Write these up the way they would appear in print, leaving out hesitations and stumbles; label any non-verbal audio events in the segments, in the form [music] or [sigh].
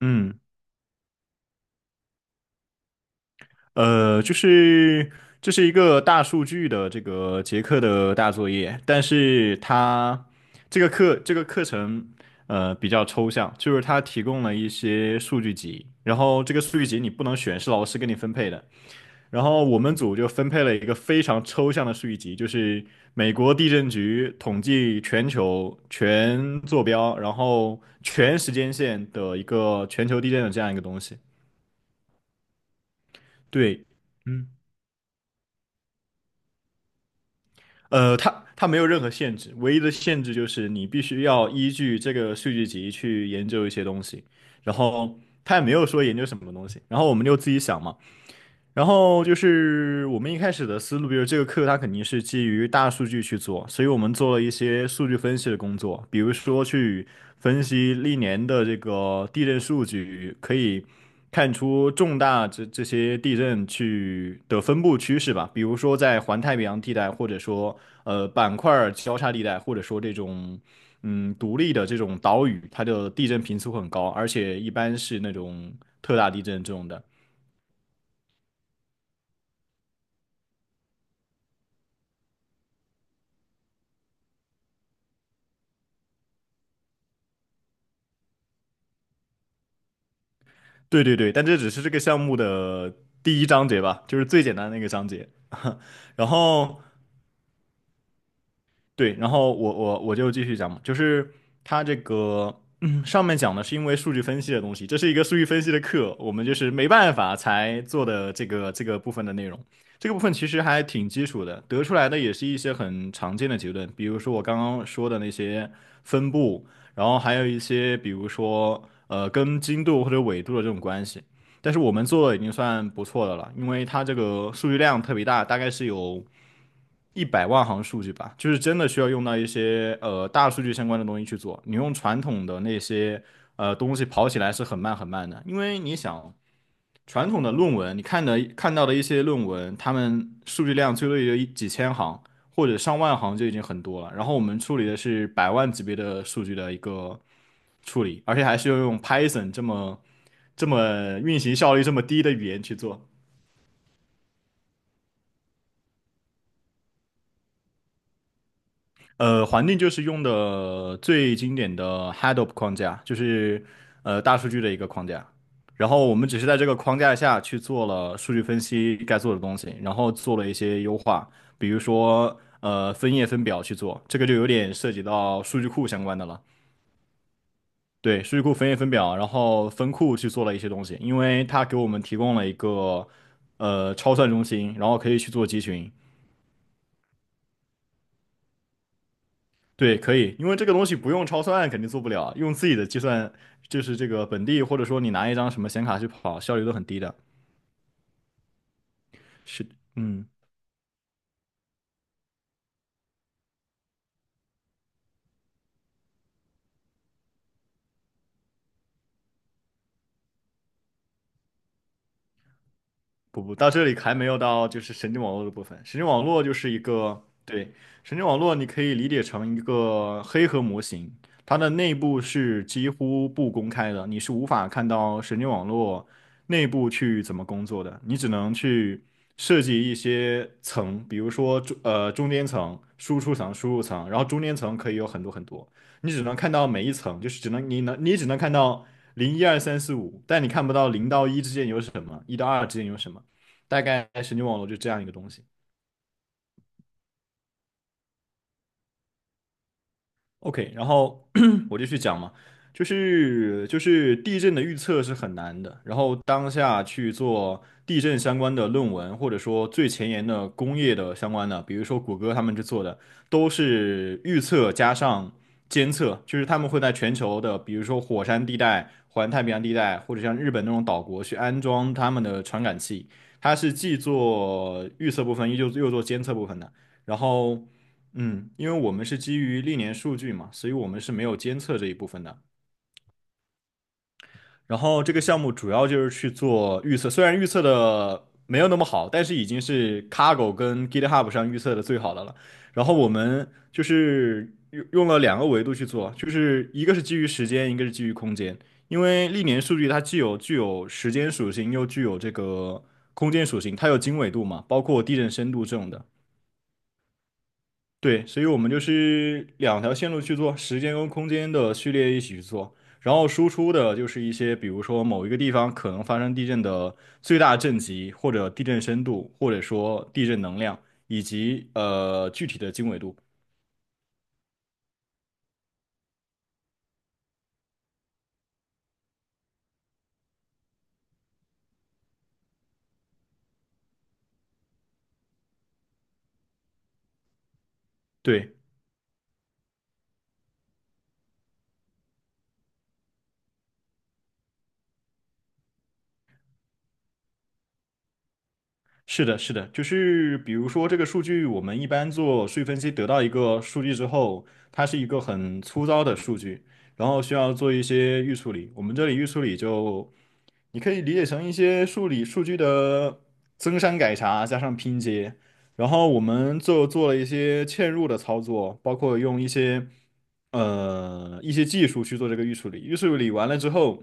嗯。就是这是一个大数据的这个结课的大作业，但是它这个课程比较抽象，就是它提供了一些数据集，然后这个数据集你不能选，是老师给你分配的。然后我们组就分配了一个非常抽象的数据集，就是美国地震局统计全球全坐标，然后全时间线的一个全球地震的这样一个东西。对。嗯。它没有任何限制，唯一的限制就是你必须要依据这个数据集去研究一些东西，然后它也没有说研究什么东西，然后我们就自己想嘛。然后就是我们一开始的思路，比如这个课它肯定是基于大数据去做，所以我们做了一些数据分析的工作，比如说去分析历年的这个地震数据，可以看出重大这些地震去的分布趋势吧，比如说在环太平洋地带，或者说板块儿交叉地带，或者说这种独立的这种岛屿，它的地震频次会很高，而且一般是那种特大地震这种的。对对对，但这只是这个项目的第一章节吧，就是最简单的一个章节。[laughs] 然后对，然后我就继续讲嘛，就是它这个、嗯上面讲的是因为数据分析的东西，这是一个数据分析的课，我们就是没办法才做的这个部分的内容。这个部分其实还挺基础的，得出来的也是一些很常见的结论，比如说我刚刚说的那些分布，然后还有一些比如说跟经度或者纬度的这种关系。但是我们做的已经算不错的了，因为它这个数据量特别大，大概是有，100万行数据吧，就是真的需要用到一些大数据相关的东西去做。你用传统的那些东西跑起来是很慢很慢的，因为你想传统的论文，你看到的一些论文，他们数据量最多也就几千行或者上万行就已经很多了。然后我们处理的是百万级别的数据的一个处理，而且还是要用 Python 这么运行效率这么低的语言去做。环境就是用的最经典的 Hadoop 框架，就是大数据的一个框架。然后我们只是在这个框架下去做了数据分析该做的东西，然后做了一些优化，比如说分页分表去做，这个就有点涉及到数据库相关的了。对，数据库分页分表，然后分库去做了一些东西，因为它给我们提供了一个超算中心，然后可以去做集群。对，可以，因为这个东西不用超算肯定做不了，用自己的计算就是这个本地，或者说你拿一张什么显卡去跑，效率都很低的。是，嗯。不不，到这里还没有到就是神经网络的部分。神经网络就是一个，对，神经网络你可以理解成一个黑盒模型，它的内部是几乎不公开的，你是无法看到神经网络内部去怎么工作的，你只能去设计一些层，比如说中间层、输出层、输入层，然后中间层可以有很多很多，你只能看到每一层，就是只能你能你只能看到零一二三四五，但你看不到零到一之间有什么，一到二之间有什么。大概神经网络就这样一个东西。OK,然后 [clears throat] 我就去讲嘛，就是地震的预测是很难的，然后当下去做地震相关的论文，或者说最前沿的工业的相关的，比如说谷歌他们去做的，都是预测加上监测，就是他们会在全球的，比如说火山地带、环太平洋地带，或者像日本那种岛国去安装他们的传感器，它是既做预测部分，又做监测部分的，然后。嗯，因为我们是基于历年数据嘛，所以我们是没有监测这一部分的。然后这个项目主要就是去做预测，虽然预测的没有那么好，但是已经是 Cargo 跟 GitHub 上预测的最好的了。然后我们就是用了两个维度去做，就是一个是基于时间，一个是基于空间。因为历年数据它既有具有时间属性，又具有这个空间属性，它有经纬度嘛，包括地震深度这种的。对，所以我们就是两条线路去做，时间跟空间的序列一起去做，然后输出的就是一些，比如说某一个地方可能发生地震的最大震级，或者地震深度，或者说地震能量，以及具体的经纬度。对。是的，是的，就是比如说这个数据，我们一般做数据分析得到一个数据之后，它是一个很粗糙的数据，然后需要做一些预处理。我们这里预处理就，你可以理解成一些数理数据的增删改查加上拼接，然后我们就做了一些嵌入的操作，包括用一些技术去做这个预处理。预处理完了之后。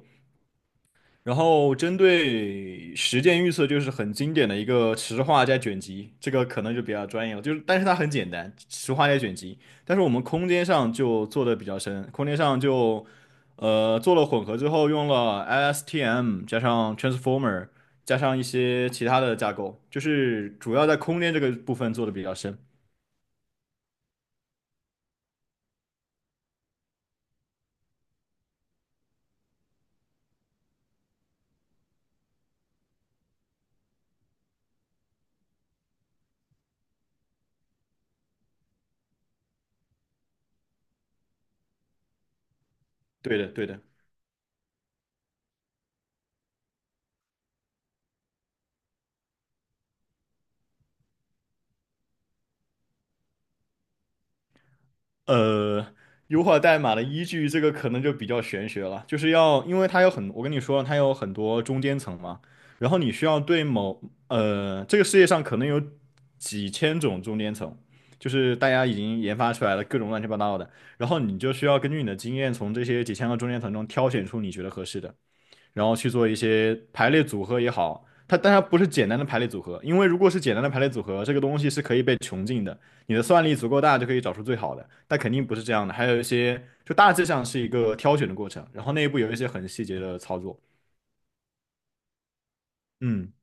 然后针对实践预测，就是很经典的一个池化加卷积，这个可能就比较专业了。就是，但是它很简单，池化加卷积。但是我们空间上就做的比较深，空间上就做了混合之后，用了 LSTM 加上 Transformer 加上一些其他的架构，就是主要在空间这个部分做的比较深。对的，对的。呃，优化代码的依据这个可能就比较玄学了，就是要，因为它有很，我跟你说，它有很多中间层嘛，然后你需要对某，这个世界上可能有几千种中间层，就是大家已经研发出来了各种乱七八糟的，然后你就需要根据你的经验，从这些几千个中间层中挑选出你觉得合适的。然后去做一些排列组合也好，它当然不是简单的排列组合，因为如果是简单的排列组合，这个东西是可以被穷尽的，你的算力足够大就可以找出最好的，但肯定不是这样的，还有一些就大致上是一个挑选的过程，然后内部有一些很细节的操作，嗯，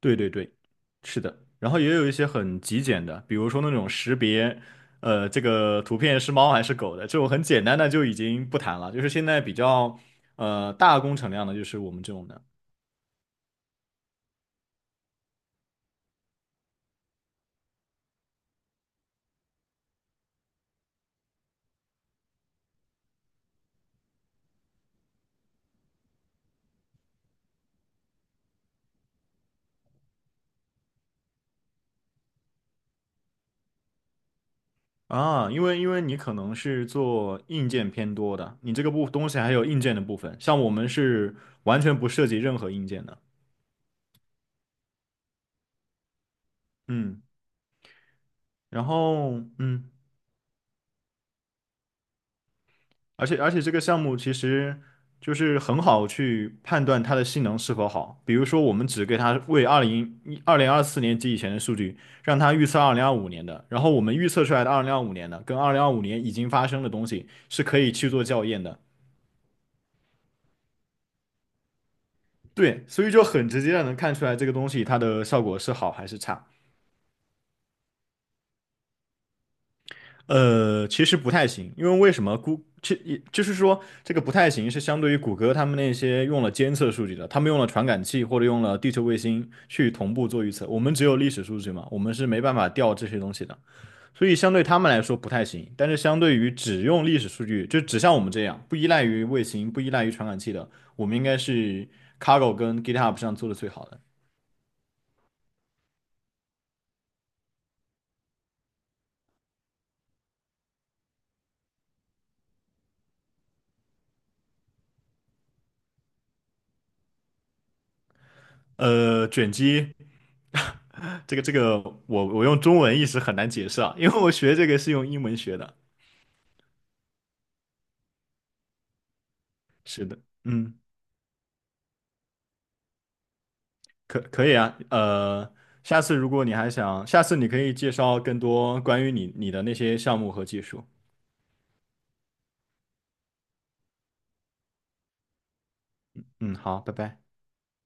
对对对，是的，然后也有一些很极简的，比如说那种识别。这个图片是猫还是狗的，这种很简单的就已经不谈了，就是现在比较大工程量的，就是我们这种的。啊，因为你可能是做硬件偏多的，你这个部东西还有硬件的部分，像我们是完全不涉及任何硬件的，嗯，然后,而且这个项目其实就是很好去判断它的性能是否好，比如说我们只给它为2024年及以前的数据，让它预测二零二五年的，然后我们预测出来的二零二五年的跟二零二五年已经发生的东西是可以去做校验的。对，所以就很直接的能看出来这个东西它的效果是好还是差。其实不太行，因为为什么估其也就是说这个不太行是相对于谷歌他们那些用了监测数据的，他们用了传感器或者用了地球卫星去同步做预测，我们只有历史数据嘛，我们是没办法调这些东西的，所以相对他们来说不太行。但是相对于只用历史数据，就只像我们这样不依赖于卫星、不依赖于传感器的，我们应该是 Cargo 跟 GitHub 上做的最好的。卷积，[laughs] 这个,我用中文一时很难解释啊，因为我学这个是用英文学的。是的，嗯，可以啊，下次如果你还想，下次你可以介绍更多关于你的那些项目和技术。嗯，好，拜拜。